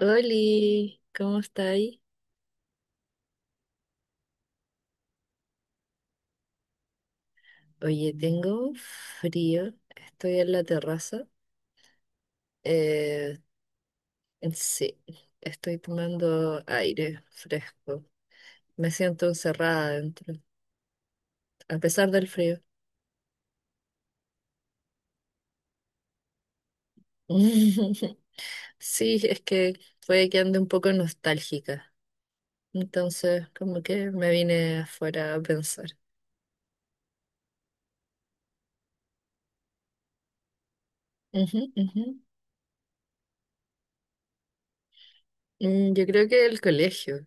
Oli, ¿cómo estáis? Oye, tengo un frío, estoy en la terraza. Eh, sí, estoy tomando aire fresco. Me siento encerrada dentro, a pesar del frío. Sí, es que puede que ande un poco nostálgica. Entonces, como que me vine afuera a pensar. Ujú, ujú. Mm, yo creo que el colegio.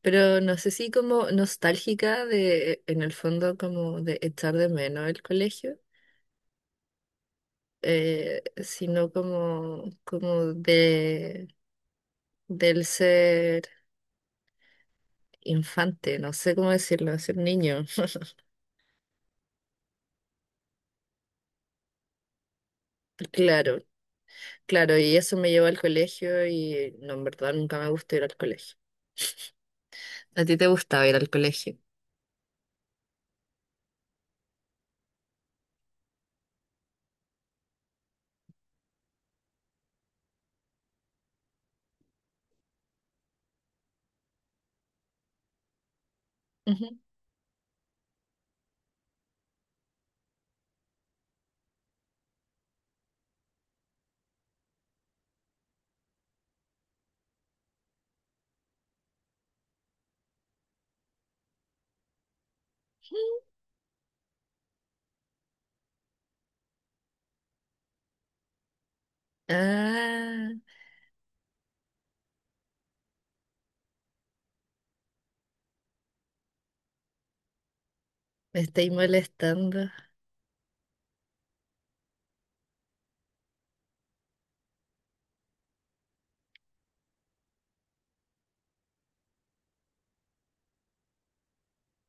Pero no sé si como nostálgica de, en el fondo, como de echar de menos el colegio, sino como, del ser infante, no sé cómo decirlo, ser niño. Claro, claro, y eso me llevó al colegio y no, en verdad nunca me gustó ir al colegio. ¿A ti te gustaba ir al colegio? Ujú. Ah, me estáis molestando.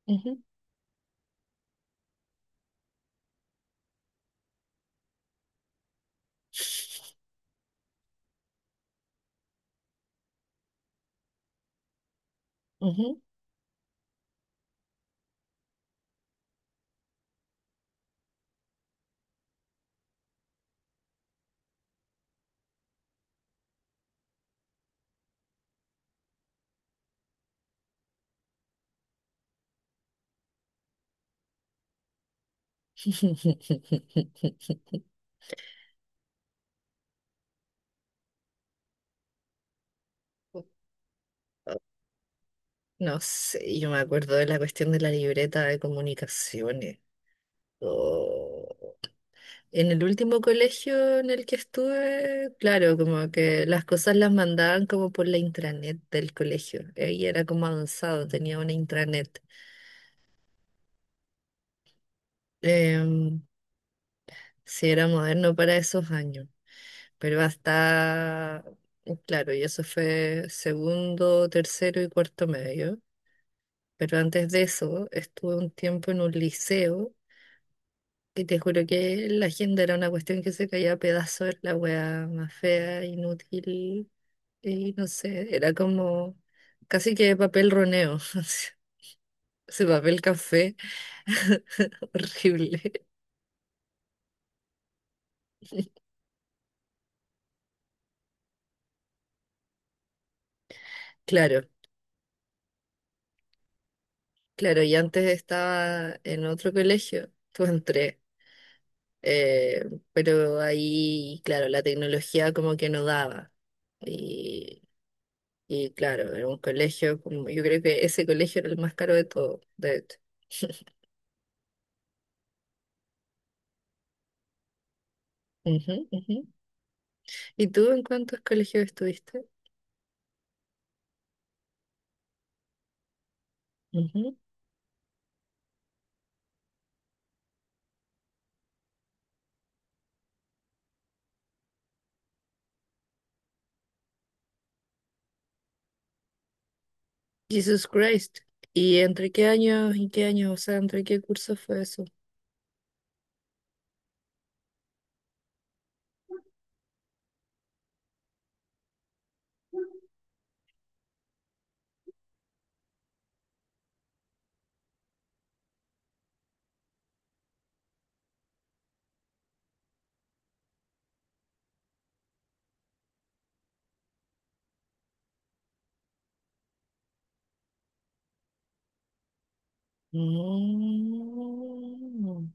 Ujú, ujú. No sé, yo me acuerdo de la cuestión de la libreta de comunicaciones. Oh. En el último colegio en el que estuve, claro, como que las cosas las mandaban como por la intranet del colegio. Ahí era como avanzado, tenía una intranet. Em, sí, era moderno para esos años, pero hasta, claro, y eso fue segundo, tercero y cuarto medio. Pero antes de eso, estuve un tiempo en un liceo. Y te juro que la agenda era una cuestión que se caía a pedazos, era la wea más fea, inútil, y no sé, era como casi que papel roneo, ese papel café, horrible. Claro, claro, y antes estaba en otro colegio, pues entré, eh, pero ahí, claro, la tecnología como que no daba. Y, y claro, era un colegio, como, yo creo que ese colegio era el más caro de todo, de hecho. Ujú, ujú. ¿Y tú en cuántos colegios estuviste? Ujú. Jesus Christ. ¿Y entre qué años y qué años? O sea, ¿entre qué cursos fue eso? Mm.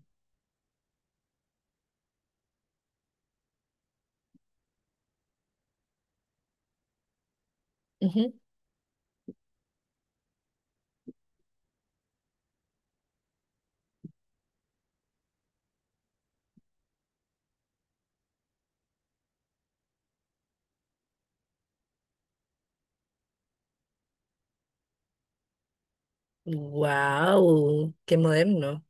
Ujú. Wow, qué moderno.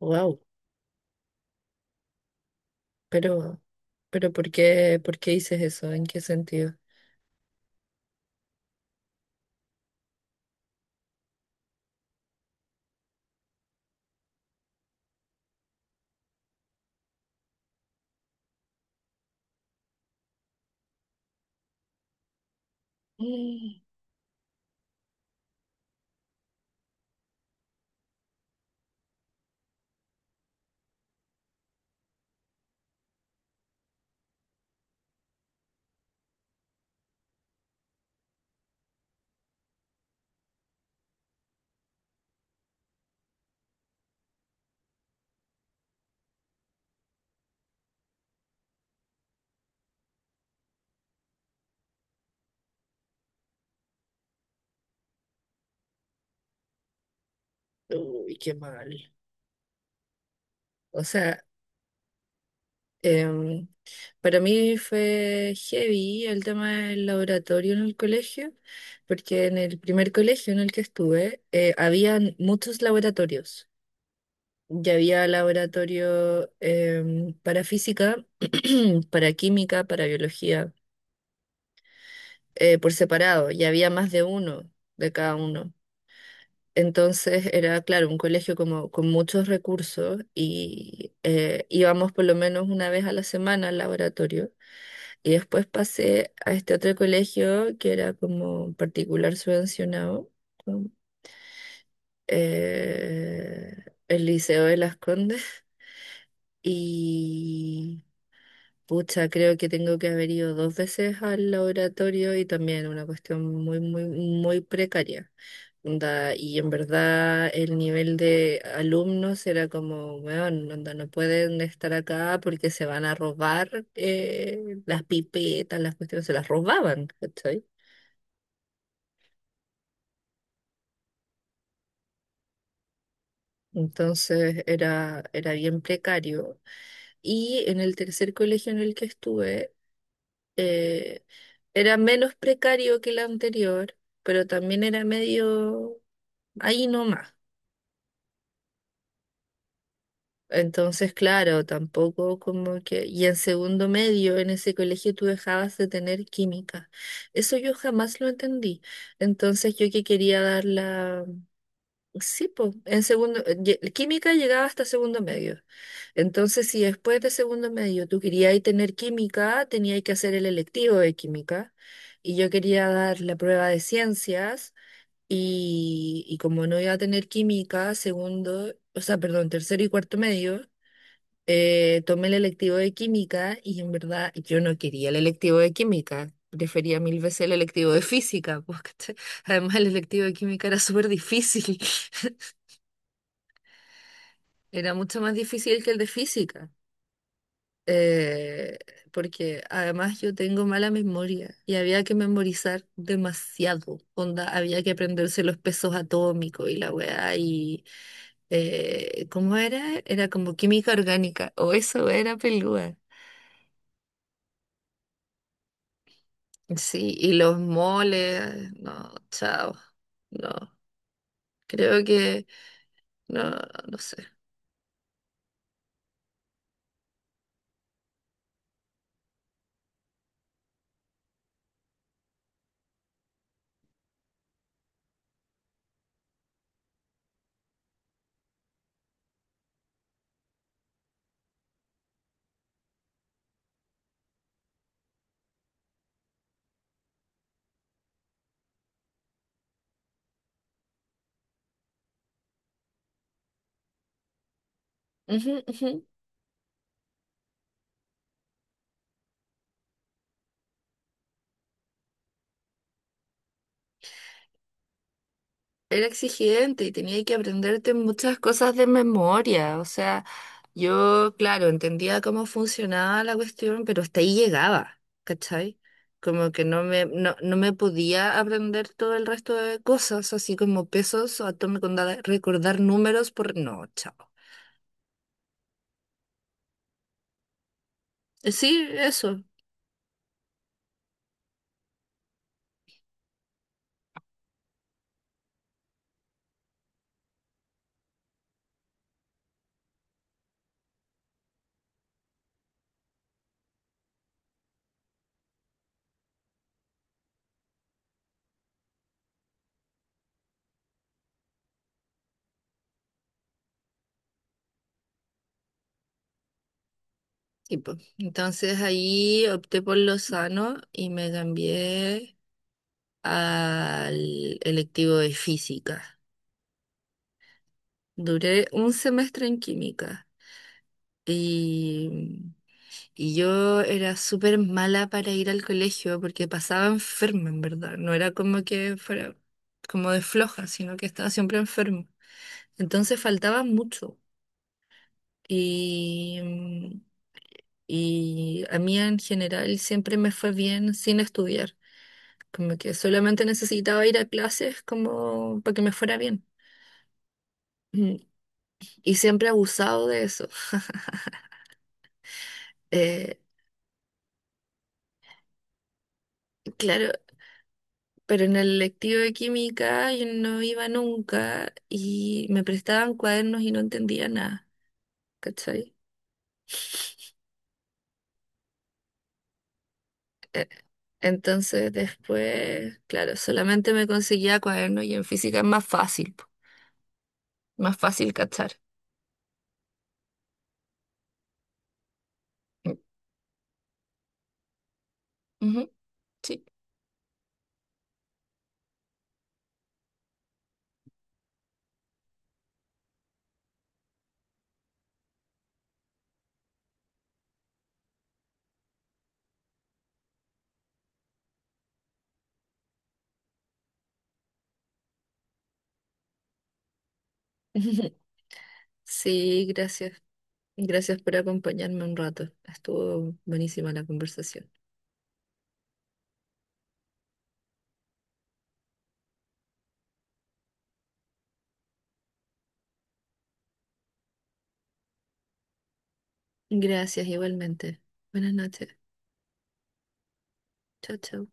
Wow, pero, pero por qué dices eso? ¿En qué sentido? Mm. Uy, qué mal. O sea, em, para mí fue heavy el tema del laboratorio en el colegio, porque en el primer colegio en el que estuve habían muchos laboratorios. Ya había laboratorio para física, para química, para biología, por separado. Ya había más de uno de cada uno. Entonces era, claro, un colegio como, con muchos recursos y íbamos por lo menos una vez a la semana al laboratorio. Y después pasé a este otro colegio que era como particular subvencionado, con, eh, el Liceo de Las Condes. Y pucha, creo que tengo que haber ido dos veces al laboratorio y también una cuestión muy, muy, muy precaria. Onda, y en verdad el nivel de alumnos era como, weón, onda, no pueden estar acá porque se van a robar las pipetas, las cuestiones, se las robaban, ¿cachai? Entonces era, era bien precario. Y en el tercer colegio en el que estuve, eh, era menos precario que el anterior, pero también era medio ahí nomás. Entonces, claro, tampoco como que... Y en segundo medio, en ese colegio tú dejabas de tener química. Eso yo jamás lo entendí. Entonces, yo que quería dar la... Sí, pues, en segundo... Química llegaba hasta segundo medio. Entonces, si después de segundo medio tú querías tener química, tenías que hacer el electivo de química. Y yo quería dar la prueba de ciencias y como no iba a tener química, segundo, o sea, perdón, tercero y cuarto medio, tomé el electivo de química y en verdad yo no quería el electivo de química. Prefería mil veces el electivo de física, pues, ¿cachai? Además el electivo de química era súper difícil, era mucho más difícil que el de física. eh, Porque además yo tengo mala memoria y había que memorizar demasiado, onda, había que aprenderse los pesos atómicos y la weá y ¿cómo era? Era como química orgánica, o eso era pelúa. Sí, y los moles, no, chao, no, creo que, no, no sé. Ujú, ujú. Era exigente y tenía que aprenderte muchas cosas de memoria, o sea... Yo, claro, entendía cómo funcionaba la cuestión, pero hasta ahí llegaba, ¿cachai? Como que no me, no, no me podía aprender todo el resto de cosas, así como pesos o recordar números por... No, chao. Sí, eso, tipo. Entonces ahí opté por lo sano y me cambié al electivo de física. Duré un semestre en química y... Y yo era súper mala para ir al colegio porque pasaba enferma, en verdad. No era como que fuera como de floja, sino que estaba siempre enferma. Entonces faltaba mucho. Y, mm, y a mí en general siempre me fue bien sin estudiar. Como que solamente necesitaba ir a clases como para que me fuera bien. Mm. Y siempre he abusado de eso. Eh, claro, pero en el lectivo de química yo no iba nunca y me prestaban cuadernos y no entendía nada, ¿cachai? E- Entonces después, claro, solamente me conseguía cuadernos y en física es más fácil, po, más fácil cachar. Mm. Ujú, sí. Sí, gracias. Gracias por acompañarme un rato. Estuvo buenísima la conversación. Gracias igualmente. Buenas noches. Chao, chao.